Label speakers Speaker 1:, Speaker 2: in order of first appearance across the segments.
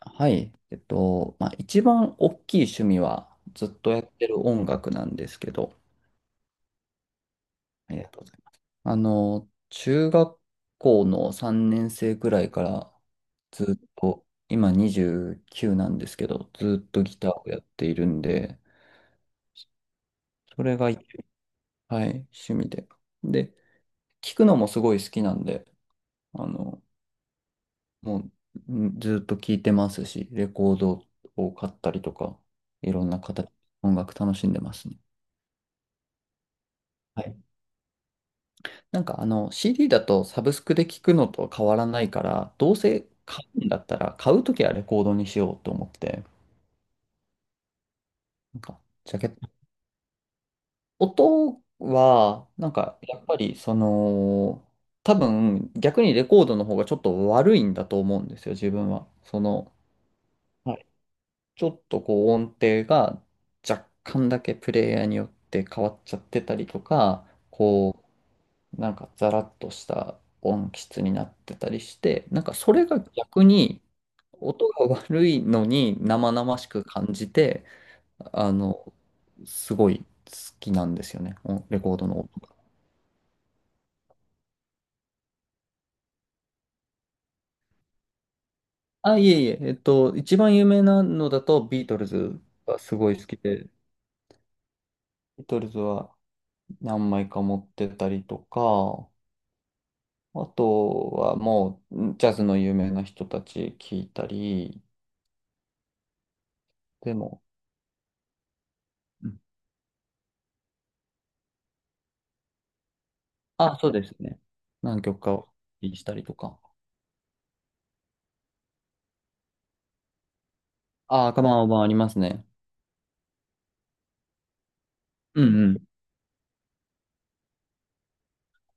Speaker 1: はい。一番大きい趣味はずっとやってる音楽なんですけど、ありがとうございます。中学校の3年生くらいからずっと、今29なんですけど、ずっとギターをやっているんで、それが、はい、趣味で。で、聴くのもすごい好きなんで、あの、もうんずっと聴いてますし、レコードを買ったりとか、いろんな形、音楽楽しんでますね。はい。なんか CD だとサブスクで聞くのと変わらないから、どうせ買うんだったら買うときはレコードにしようと思って、なんかジャケット。音は、なんかやっぱり多分逆にレコードの方がちょっと悪いんだと思うんですよ、自分は。はい、ちょっとこう音程が若干だけプレイヤーによって変わっちゃってたりとか、こなんかザラッとした音質になってたりして、なんかそれが逆に音が悪いのに生々しく感じて、あの、すごい好きなんですよね、レコードの音が。あ、いえいえ、一番有名なのだとビートルズがすごい好きで、ビートルズは何枚か持ってたりとか、あとはもうジャズの有名な人たち聞いたり、でも、あ、そうですね。何曲かをしたりとか。あ、カバンオーバーありますね。うんうん。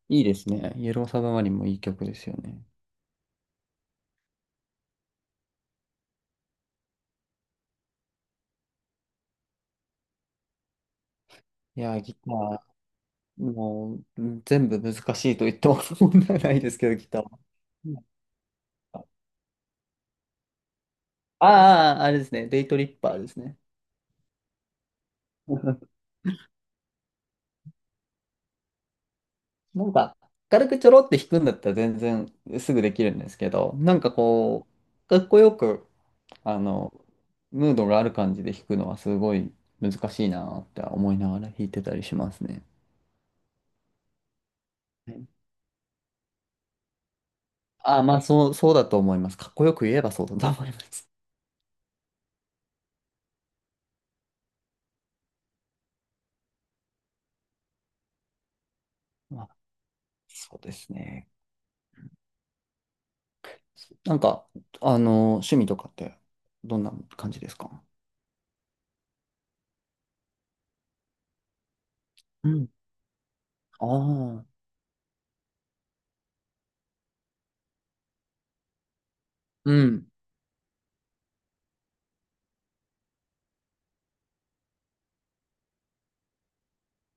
Speaker 1: いいですね。イエローサブマリンもいい曲ですよね。いやー、ギター、もう全部難しいと言っても問題ないですけど、ギターは。なんか、ああ、あれですね。デイトリッパーですね。なんか、軽くちょろって弾くんだったら全然すぐできるんですけど、なんかこう、かっこよくあの、ムードがある感じで弾くのはすごい難しいなって思いながら弾いてたりしますね。はい。あ、そう、そうだと思います。かっこよく言えばそうだと思います。まあ、そうですね。なんか、趣味とかってどんな感じですか？うん。ああ、うん。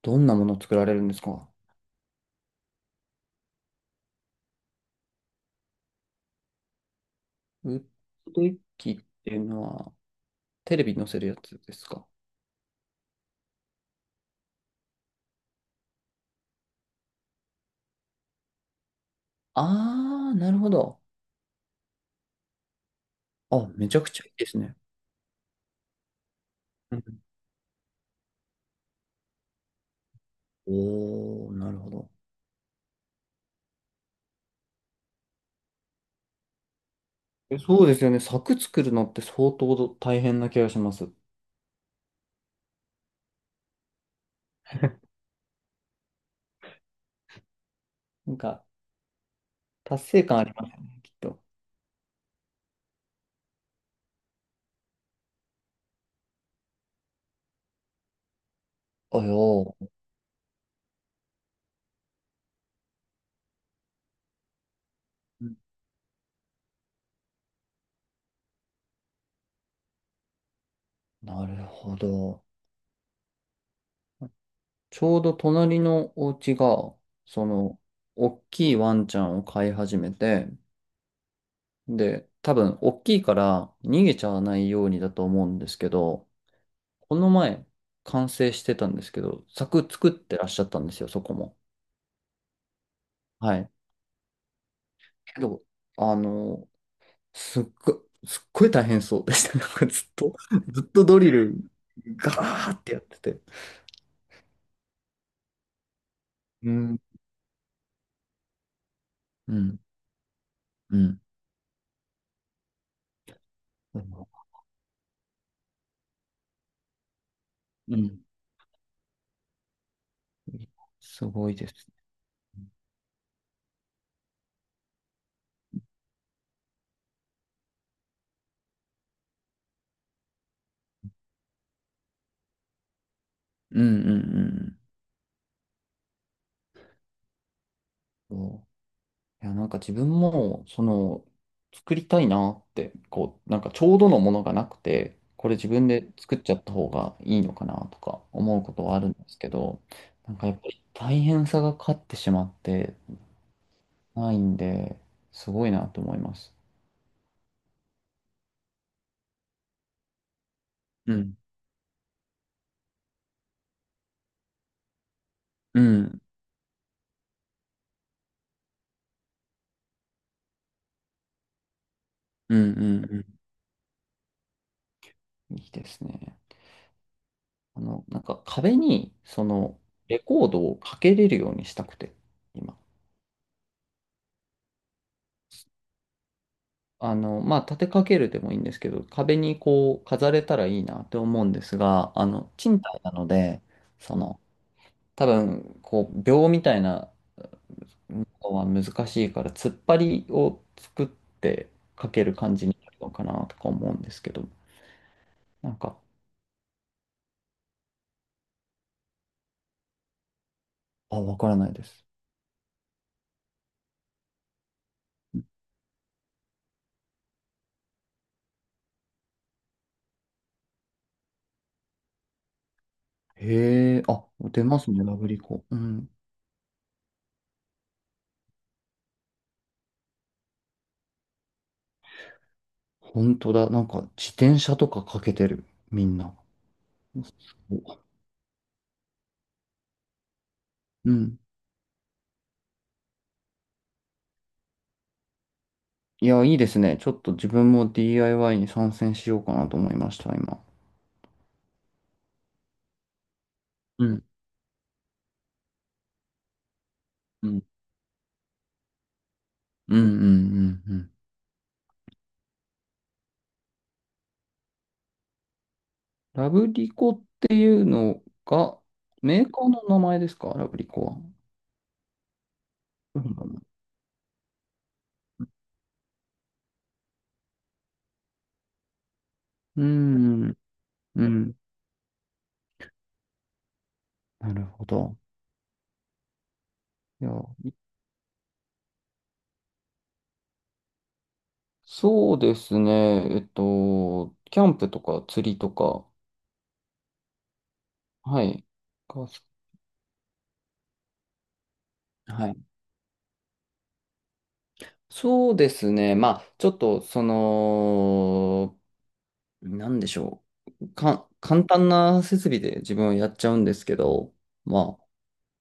Speaker 1: どんなもの作られるんですか？ウッドデッキっていうのは、テレビに載せるやつですか？ああー、なるほど。あ、めちゃくちゃいいですね。うん。おー、なるほど。え、そうですよね。柵作るのって相当大変な気がします。なんか、達成感ありますよね、きっと。あよー、うん、なるほど。ちょうど隣のお家が、その、大きいワンちゃんを飼い始めて、で、多分、大きいから逃げちゃわないようにだと思うんですけど、この前、完成してたんですけど、柵作ってらっしゃったんですよ、そこも。はい。けど、あの、すっごい大変そうでした。なんかずっとドリルガーってやってて。うん、うん、うん。うん。すごいです。うんうんうん。そう、いや、なんか自分も、作りたいなって、こう、なんかちょうどのものがなくて、これ自分で作っちゃった方がいいのかなとか思うことはあるんですけど、なんかやっぱり大変さが勝ってしまってないんで、すごいなと思います。うんうん、うん、うん、うん、いいですね。なんか壁に、レコードをかけれるようにしたくて、今。立てかけるでもいいんですけど、壁にこう、飾れたらいいなって思うんですが、賃貸なので、その、多分、こう、秒みたいなのは難しいから、突っ張りを作ってかける感じになるのかなとか思うんですけど、なんか、あ、わからないです。へえ、あ、出ますね、ラブリコ。うん。本当だ。なんか自転車とかかけてる。みんな。うん。いや、いいですね。ちょっと自分も DIY に参戦しようかなと思いました、今。うん、うん。うんうんうんうん。ラブリコっていうのが、メーカーの名前ですか？ラブリコは。そうなの、うん、うん。なるほど。いや、そうですね。キャンプとか釣りとか、はい。が、はい。そうですね。ちょっと、なんでしょう。簡単な設備で自分はやっちゃうんですけど、まあ、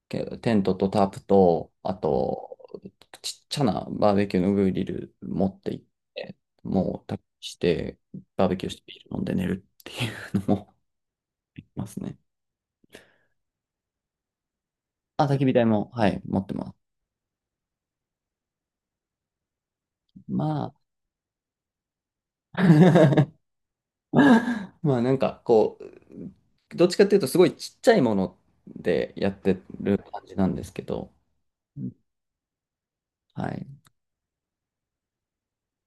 Speaker 1: テントとタープと、あと、ちっちゃなバーベキューのグリル持って行って、もう焚き火して、バーベキューしてビール飲んで寝るっていうのも できますね。あ、焚き火台も、はい、持ってます。まあ、なんかこう、どっちかっていうとすごいちっちゃいものでやってる感じなんですけど、うん、はい。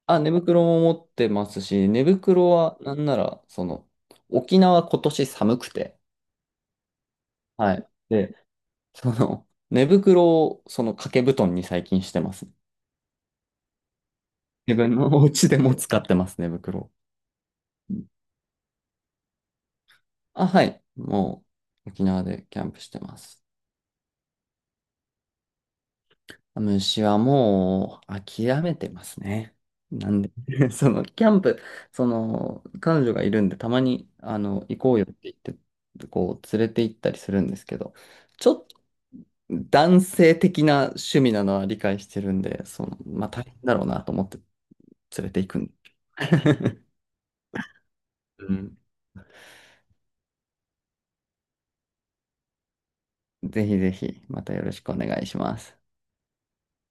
Speaker 1: あ、寝袋も持ってますし、寝袋はなんなら、沖縄今年寒くて、はい。で、寝袋をその掛け布団に最近してます。自分のお家でも使ってます、寝袋、うん、あ、はい。もう沖縄でキャンプしてます。虫はもう諦めてますね。なんで、そのキャンプ、その彼女がいるんで、たまに行こうよって言って、こう連れて行ったりするんですけど、ちょっと男性的な趣味なのは理解してるんで、まあ大変だろうなと思って連れて行くんで。うん、ぜひぜひ、またよろしくお願いします。